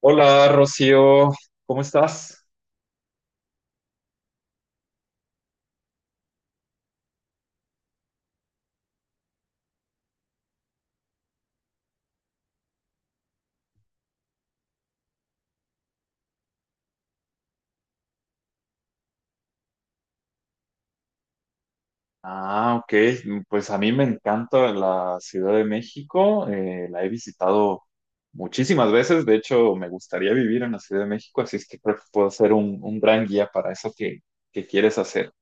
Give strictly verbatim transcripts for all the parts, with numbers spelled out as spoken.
Hola Rocío, ¿cómo estás? Ah, ok. Pues a mí me encanta la Ciudad de México. Eh, la he visitado muchísimas veces. De hecho, me gustaría vivir en la Ciudad de México, así es que creo que puedo ser un, un gran guía para eso que, que quieres hacer.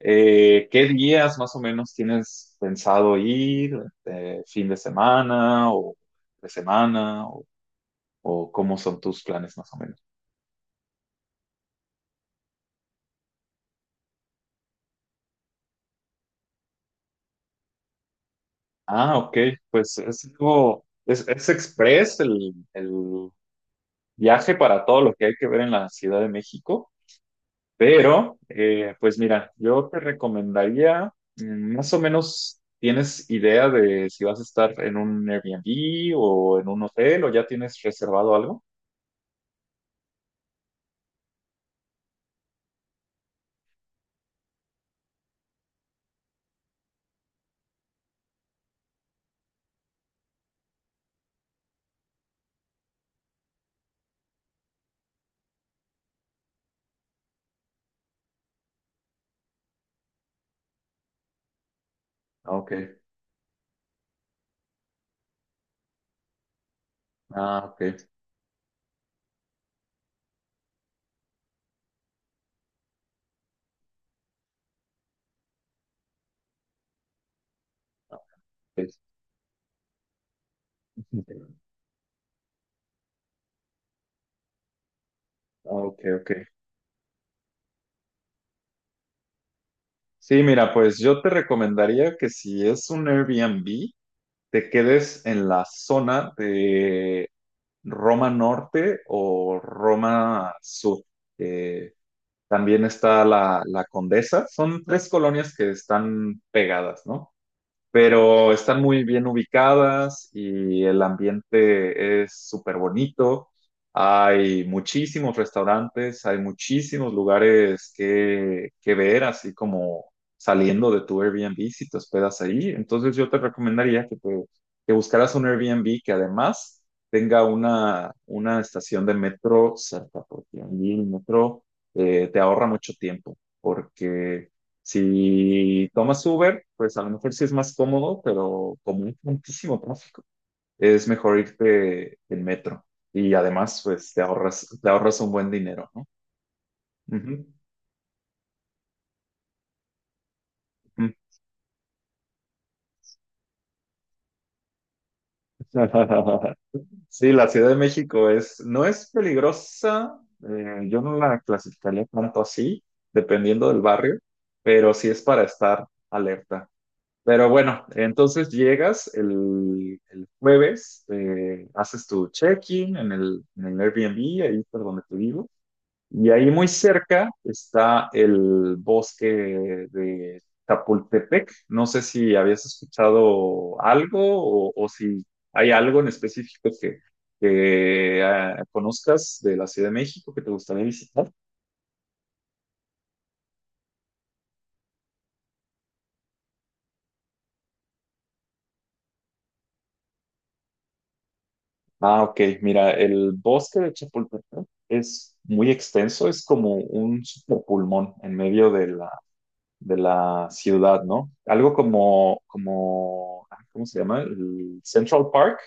Eh, ¿qué días más o menos tienes pensado ir? Eh, ¿fin de semana o de semana? ¿O, o cómo son tus planes más o menos? Ah, ok, pues es algo, es, es express el, el viaje para todo lo que hay que ver en la Ciudad de México, pero eh, pues mira, yo te recomendaría, mm, más o menos, ¿tienes idea de si vas a estar en un Airbnb o en un hotel o ya tienes reservado algo? Ah, ok, ah, ok. Ah, ok. Ah, ok, ok. Sí, mira, pues yo te recomendaría que si es un Airbnb, te quedes en la zona Roma Norte o Roma Sur. Eh, También está la, la Condesa. Son tres colonias que están pegadas, ¿no? Pero están muy bien ubicadas y el ambiente es súper bonito. Hay muchísimos restaurantes, hay muchísimos lugares que, que ver, así como saliendo de tu Airbnb si te hospedas ahí. Entonces yo te recomendaría que, te- que buscaras un Airbnb que además tenga una, una estación de metro cerca, porque allí el metro eh, te ahorra mucho tiempo, porque si tomas Uber, pues a lo mejor sí es más cómodo, pero como hay tantísimo tráfico, es mejor irte en metro. Y además, pues te ahorras, te ahorras un buen dinero, ¿no? Ujú, ujú. Sí, la Ciudad de México es, no es peligrosa, eh, yo no la clasificaría tanto así, dependiendo del barrio, pero sí es para estar alerta. Pero bueno, entonces llegas el, el jueves, eh, haces tu check-in en el, en el Airbnb, ahí por donde te vivo, y ahí muy cerca está el bosque de Chapultepec. No sé si habías escuchado algo o, o si hay algo en específico que, que, ah, conozcas de la Ciudad de México que te gustaría visitar. Ah, ok. Mira, el bosque de Chapultepec es muy extenso, es como un pulmón en medio de la, de la ciudad, ¿no? Algo como, como, ah, ¿cómo se llama? El Central Park,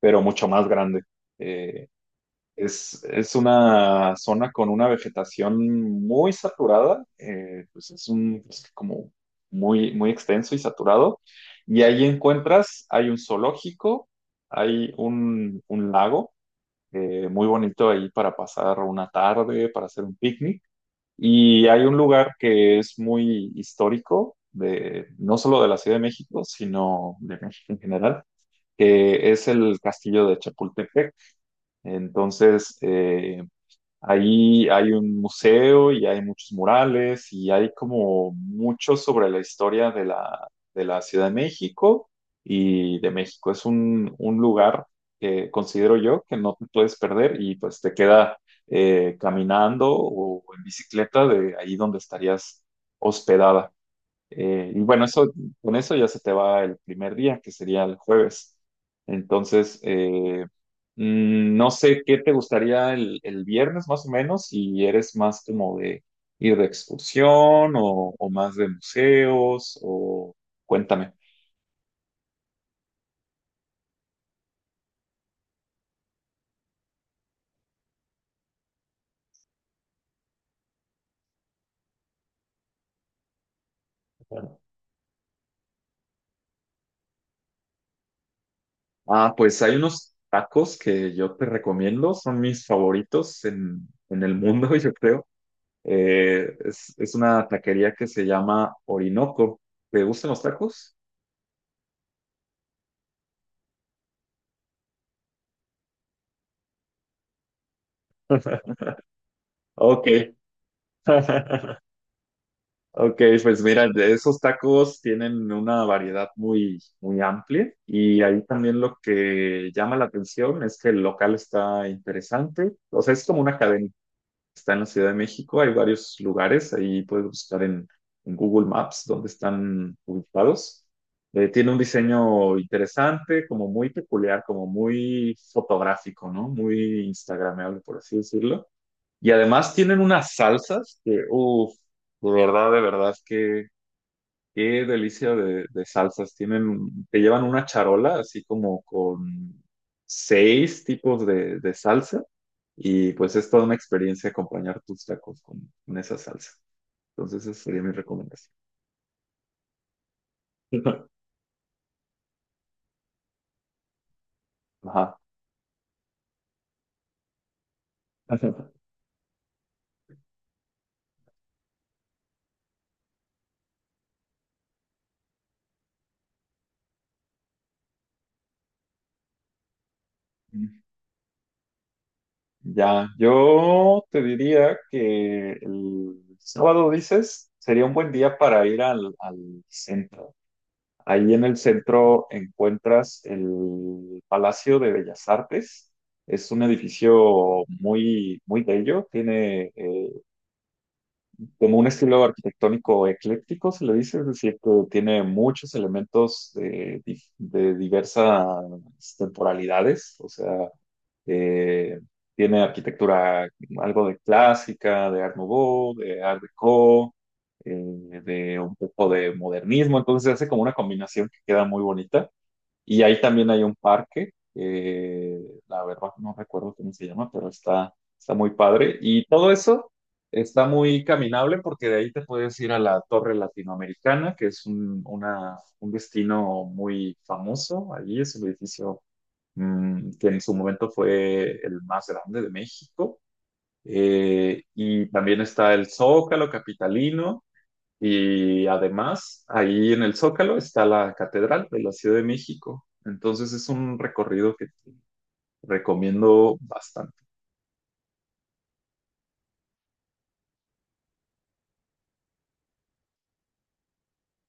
pero mucho más grande. Eh, es, es una zona con una vegetación muy saturada, eh, pues es un es como muy, muy extenso y saturado. Y ahí encuentras, hay un zoológico, hay un un lago eh, muy bonito ahí para pasar una tarde, para hacer un picnic. Y hay un lugar que es muy histórico, de, no solo de la Ciudad de México, sino de México en general, que es el Castillo de Chapultepec. Entonces, eh, ahí hay un museo y hay muchos murales y hay como mucho sobre la historia de la, de la Ciudad de México y de México. Es un, un lugar que considero yo que no te puedes perder y pues te queda eh, caminando o en bicicleta de ahí donde estarías hospedada. Eh, y bueno, eso, con eso ya se te va el primer día, que sería el jueves. Entonces, eh, mm, no sé qué te gustaría el, el viernes más o menos, si eres más como de ir de excursión o, o más de museos, o cuéntame. Bueno, Ah, pues hay unos tacos que yo te recomiendo, son mis favoritos en, en el mundo, yo creo. Eh, es, es una taquería que se llama Orinoco. ¿Te gustan los tacos? Ok. Ok, pues mira, de esos tacos tienen una variedad muy, muy amplia y ahí también lo que llama la atención es que el local está interesante. O sea, es como una cadena. Está en la Ciudad de México, hay varios lugares, ahí puedes buscar en, en Google Maps dónde están ubicados. Eh, tiene un diseño interesante, como muy peculiar, como muy fotográfico, ¿no? Muy instagramable, por así decirlo. Y además tienen unas salsas que, uff, de verdad, de verdad, que qué delicia de, de salsas. Tienen, te llevan una charola así como con seis tipos de, de salsa y pues es toda una experiencia acompañar tus tacos con, con esa salsa. Entonces esa sería mi recomendación. Ajá. Ya, yo te diría que el sábado, dices, sería un buen día para ir al, al centro. Ahí en el centro encuentras el Palacio de Bellas Artes. Es un edificio muy, muy bello. Tiene eh, como un estilo arquitectónico ecléctico, se le dice, es decir, que tiene muchos elementos de, dif- de diversas temporalidades, o sea, eh, tiene arquitectura algo de clásica, de Art Nouveau, de Art Deco, eh, de un poco de modernismo, entonces hace como una combinación que queda muy bonita. Y ahí también hay un parque, eh, la verdad no recuerdo cómo se llama, pero está, está muy padre. Y todo eso está muy caminable porque de ahí te puedes ir a la Torre Latinoamericana, que es un, una- un destino muy famoso. Allí es un edificio mm, que en su momento fue el más grande de México. Eh, y también está el Zócalo Capitalino. Y además, ahí en el Zócalo está la Catedral de la Ciudad de México. Entonces es un recorrido que te recomiendo bastante.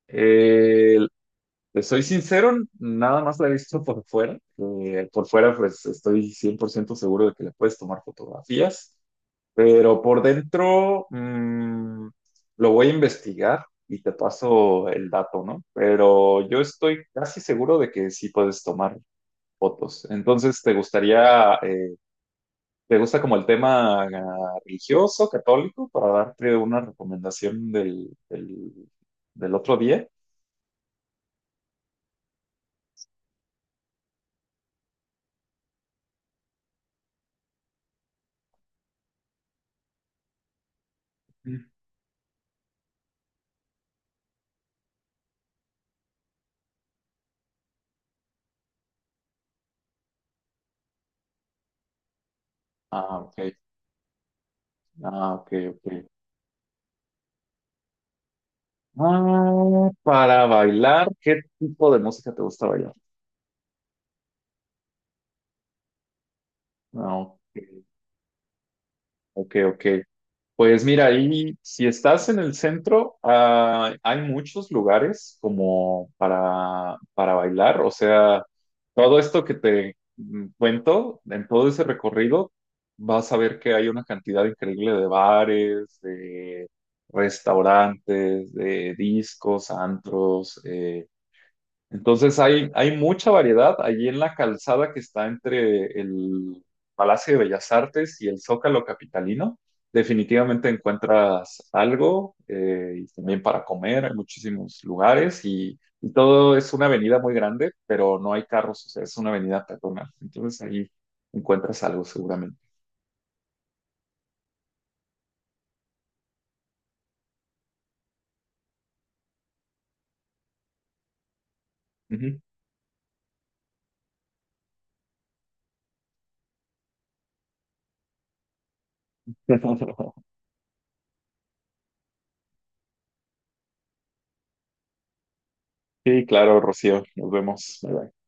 Eh, Te soy sincero, nada más la he visto por fuera. Eh, por fuera, pues estoy cien por ciento seguro de que le puedes tomar fotografías, pero por dentro mm, lo voy a investigar y te paso el dato, ¿no? Pero yo estoy casi seguro de que sí puedes tomar fotos. Entonces, ¿te gustaría, eh, ¿te gusta como el tema ah, religioso, católico, para darte una recomendación del, del, del otro día? Mm. Ah, ok, ah, ok, ok. Ah, para bailar, ¿qué tipo de música te gusta bailar? Ah, ok, ok, ok. Pues mira, ahí si estás en el centro, ah, hay muchos lugares como para, para bailar. O sea, todo esto que te mm, cuento, en todo ese recorrido, vas a ver que hay una cantidad increíble de bares, de restaurantes, de discos, antros. Eh, entonces hay, hay mucha variedad allí en la calzada que está entre el Palacio de Bellas Artes y el Zócalo capitalino. Definitivamente encuentras algo eh, y también para comer, hay muchísimos lugares y, y todo es una avenida muy grande, pero no hay carros, o sea, es una avenida peatonal. Entonces ahí encuentras algo seguramente. Ujú. Sí, claro, Rocío, nos vemos. Bye, bye.